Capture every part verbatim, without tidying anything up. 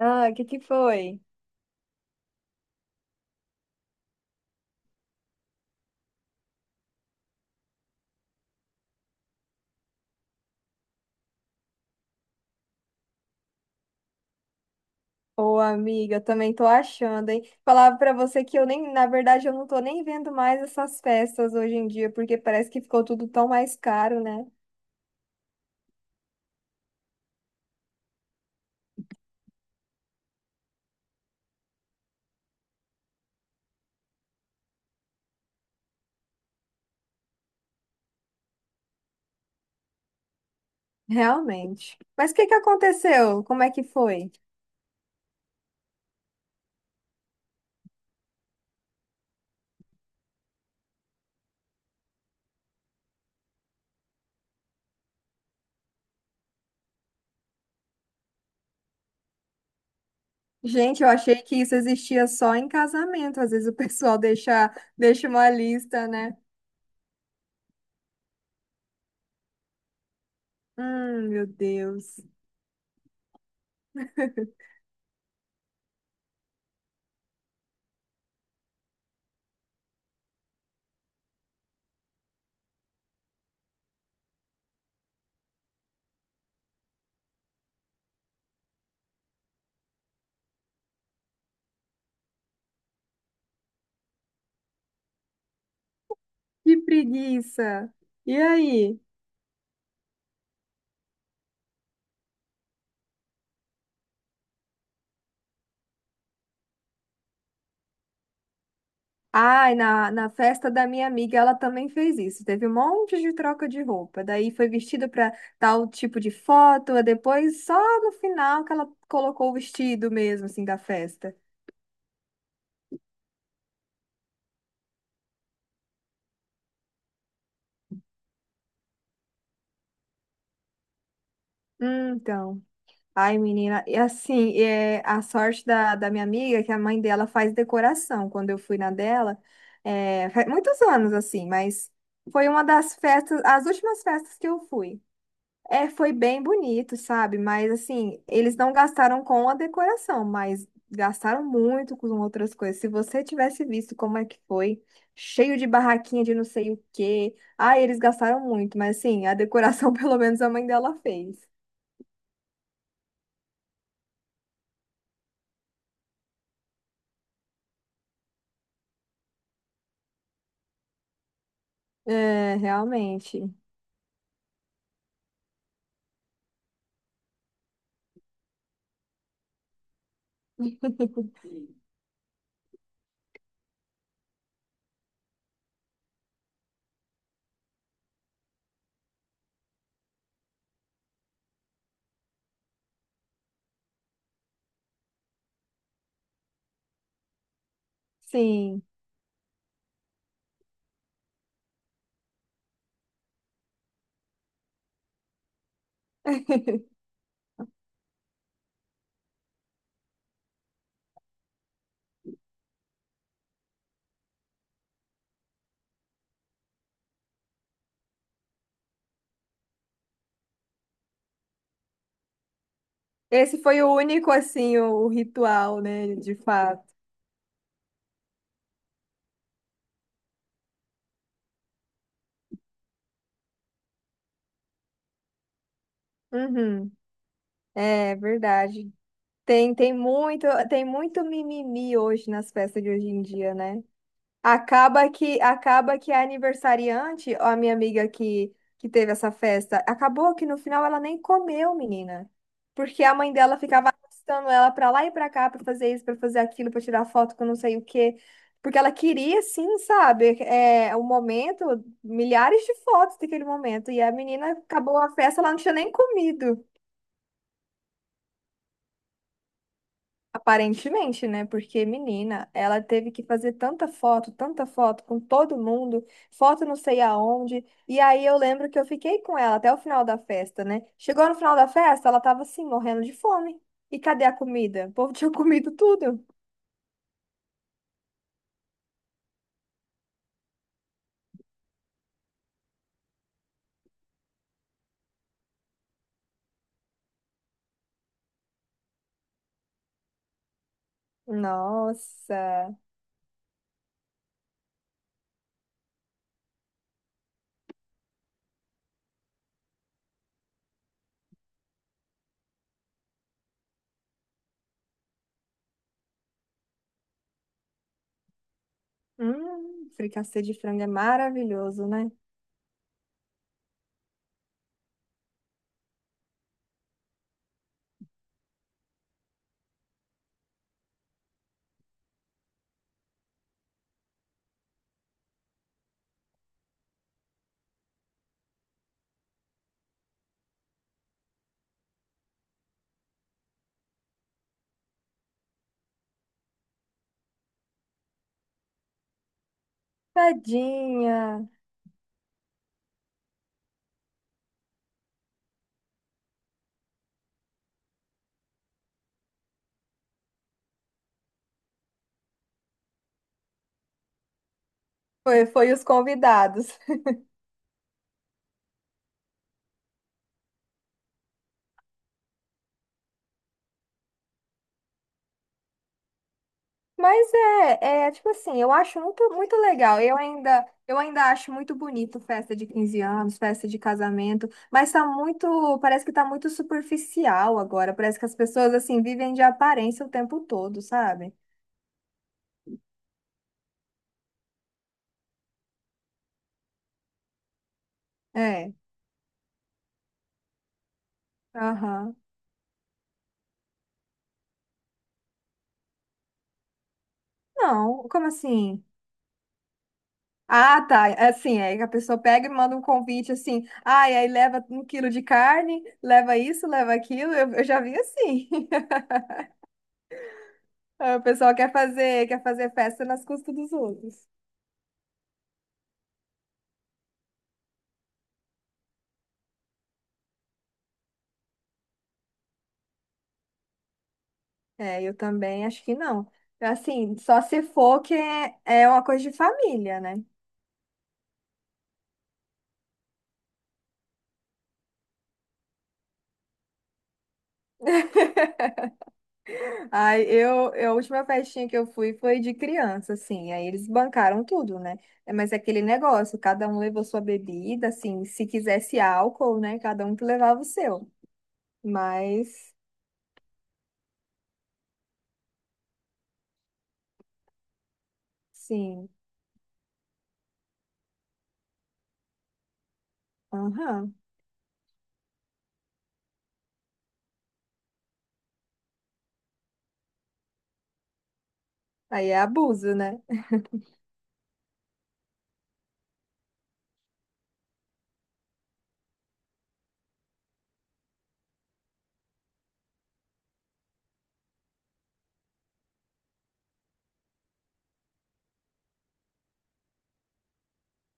Ah, o que que foi? Ô, amiga, eu também tô achando, hein? Falava pra você que eu nem, na verdade, eu não tô nem vendo mais essas festas hoje em dia, porque parece que ficou tudo tão mais caro, né? Realmente. Mas o que que aconteceu? Como é que foi? Gente, eu achei que isso existia só em casamento. Às vezes o pessoal deixa, deixa uma lista, né? Hum, meu Deus. Que preguiça. E aí? Ai, na, na festa da minha amiga, ela também fez isso. Teve um monte de troca de roupa. Daí foi vestida para tal tipo de foto, e depois só no final que ela colocou o vestido mesmo, assim, da festa. Hum, então. Ai, menina, e assim, é, a sorte da, da minha amiga é que a mãe dela faz decoração. Quando eu fui na dela, é, faz muitos anos, assim, mas foi uma das festas, as últimas festas que eu fui. É, foi bem bonito, sabe? Mas assim, eles não gastaram com a decoração, mas gastaram muito com outras coisas. Se você tivesse visto como é que foi, cheio de barraquinha de não sei o quê. Ah, eles gastaram muito, mas assim, a decoração pelo menos a mãe dela fez. É, realmente. Sim. Esse foi o único, assim, o, o ritual, né, de fato. Uhum. É verdade. Tem, tem muito, tem muito mimimi hoje nas festas de hoje em dia, né? Acaba que acaba que a aniversariante, ó, a minha amiga que, que teve essa festa, acabou que no final ela nem comeu, menina. Porque a mãe dela ficava arrastando ela pra lá e pra cá pra fazer isso, pra fazer aquilo, pra tirar foto com não sei o quê. Porque ela queria, sim, sabe, é, o momento, milhares de fotos daquele momento. E a menina acabou a festa, ela não tinha nem comido. Aparentemente, né? Porque, menina, ela teve que fazer tanta foto, tanta foto com todo mundo, foto não sei aonde. E aí eu lembro que eu fiquei com ela até o final da festa, né? Chegou no final da festa, ela tava assim, morrendo de fome. E cadê a comida? O povo tinha comido tudo. Nossa! Hum, fricassê de frango é maravilhoso, né? Tadinha! Foi, foi os convidados. Mas é, é tipo assim, eu acho muito, muito legal. Eu ainda, eu ainda acho muito bonito festa de quinze anos, festa de casamento, mas tá muito, parece que tá muito superficial agora. Parece que as pessoas assim vivem de aparência o tempo todo, sabe? É. Aham. Não, como assim? Ah, tá. Assim, é que a pessoa pega e manda um convite assim, ah, e aí leva um quilo de carne, leva isso, leva aquilo. Eu, eu já vi assim. O pessoal quer fazer, quer fazer festa nas custas dos outros. É, eu também acho que não. Assim, só se for que é é uma coisa de família, né? Aí eu, eu- a última festinha que eu fui foi de criança, assim. Aí eles bancaram tudo, né? É, mas é aquele negócio, cada um levou sua bebida, assim. Se quisesse álcool, né? Cada um que levava o seu. Mas, sim. Aham. Aí é abuso, né?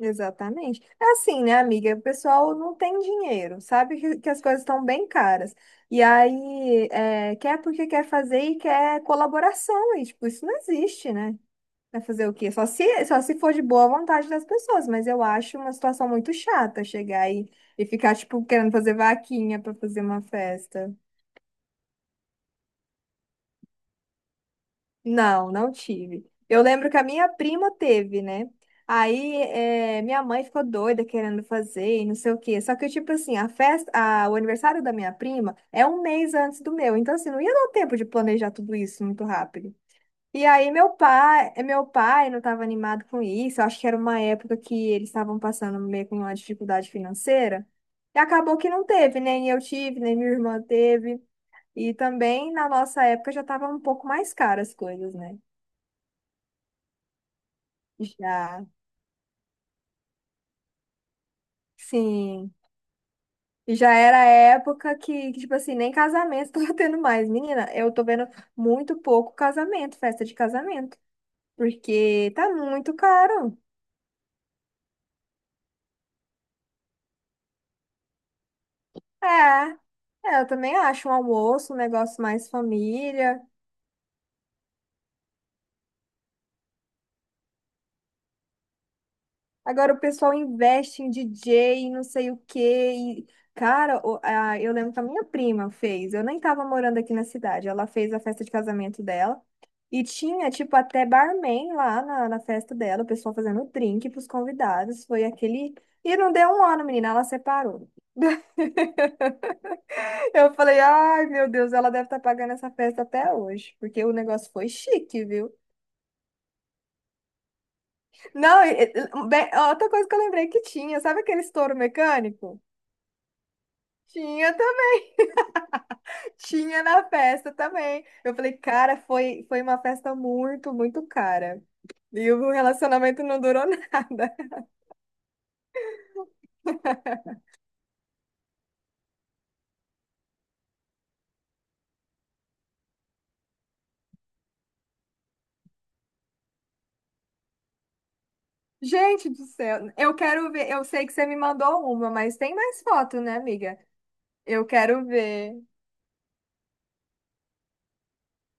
Exatamente. É assim, né, amiga? O pessoal não tem dinheiro, sabe que, que as coisas estão bem caras. E aí, é, quer porque quer fazer e quer colaboração. E, tipo, isso não existe, né? Vai fazer o quê? Só se, só se for de boa vontade das pessoas. Mas eu acho uma situação muito chata chegar aí e ficar, tipo, querendo fazer vaquinha para fazer uma festa. Não, não tive. Eu lembro que a minha prima teve, né? Aí eh, minha mãe ficou doida querendo fazer e não sei o quê. Só que, tipo assim, a festa, a- o aniversário da minha prima é um mês antes do meu. Então, assim, não ia dar tempo de planejar tudo isso muito rápido. E aí meu pai, meu pai não estava animado com isso. Eu acho que era uma época que eles estavam passando meio com uma dificuldade financeira. E acabou que não teve, nem eu tive, nem minha irmã teve. E também na nossa época já estava um pouco mais caras as coisas, né? Já, sim. E já era a época que, que, tipo assim, nem casamento tava tendo mais. Menina, eu tô vendo muito pouco casamento, festa de casamento, porque tá muito caro. É, é, eu também acho um almoço, um negócio mais família. Agora o pessoal investe em D J, não sei o quê. E, cara, o- a- eu lembro que a minha prima fez. Eu nem tava morando aqui na cidade. Ela fez a festa de casamento dela. E tinha, tipo, até barman lá na, na festa dela. O pessoal fazendo drink pros convidados. Foi aquele. E não deu um ano, menina. Ela separou. Eu falei, ai, meu Deus, ela deve estar pagando essa festa até hoje. Porque o negócio foi chique, viu? Não, e- e- bem, outra coisa que eu lembrei que tinha. Sabe aquele estouro mecânico? Tinha. Tinha na festa também. Eu falei, cara, foi, foi uma festa muito, muito cara. E o relacionamento não durou nada. Gente do céu, eu quero ver. Eu sei que você me mandou uma, mas tem mais foto, né, amiga? Eu quero ver.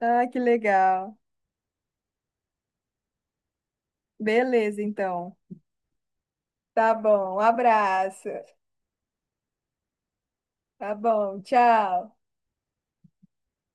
Ah, que legal. Beleza, então. Tá bom, um abraço. Tá bom, tchau.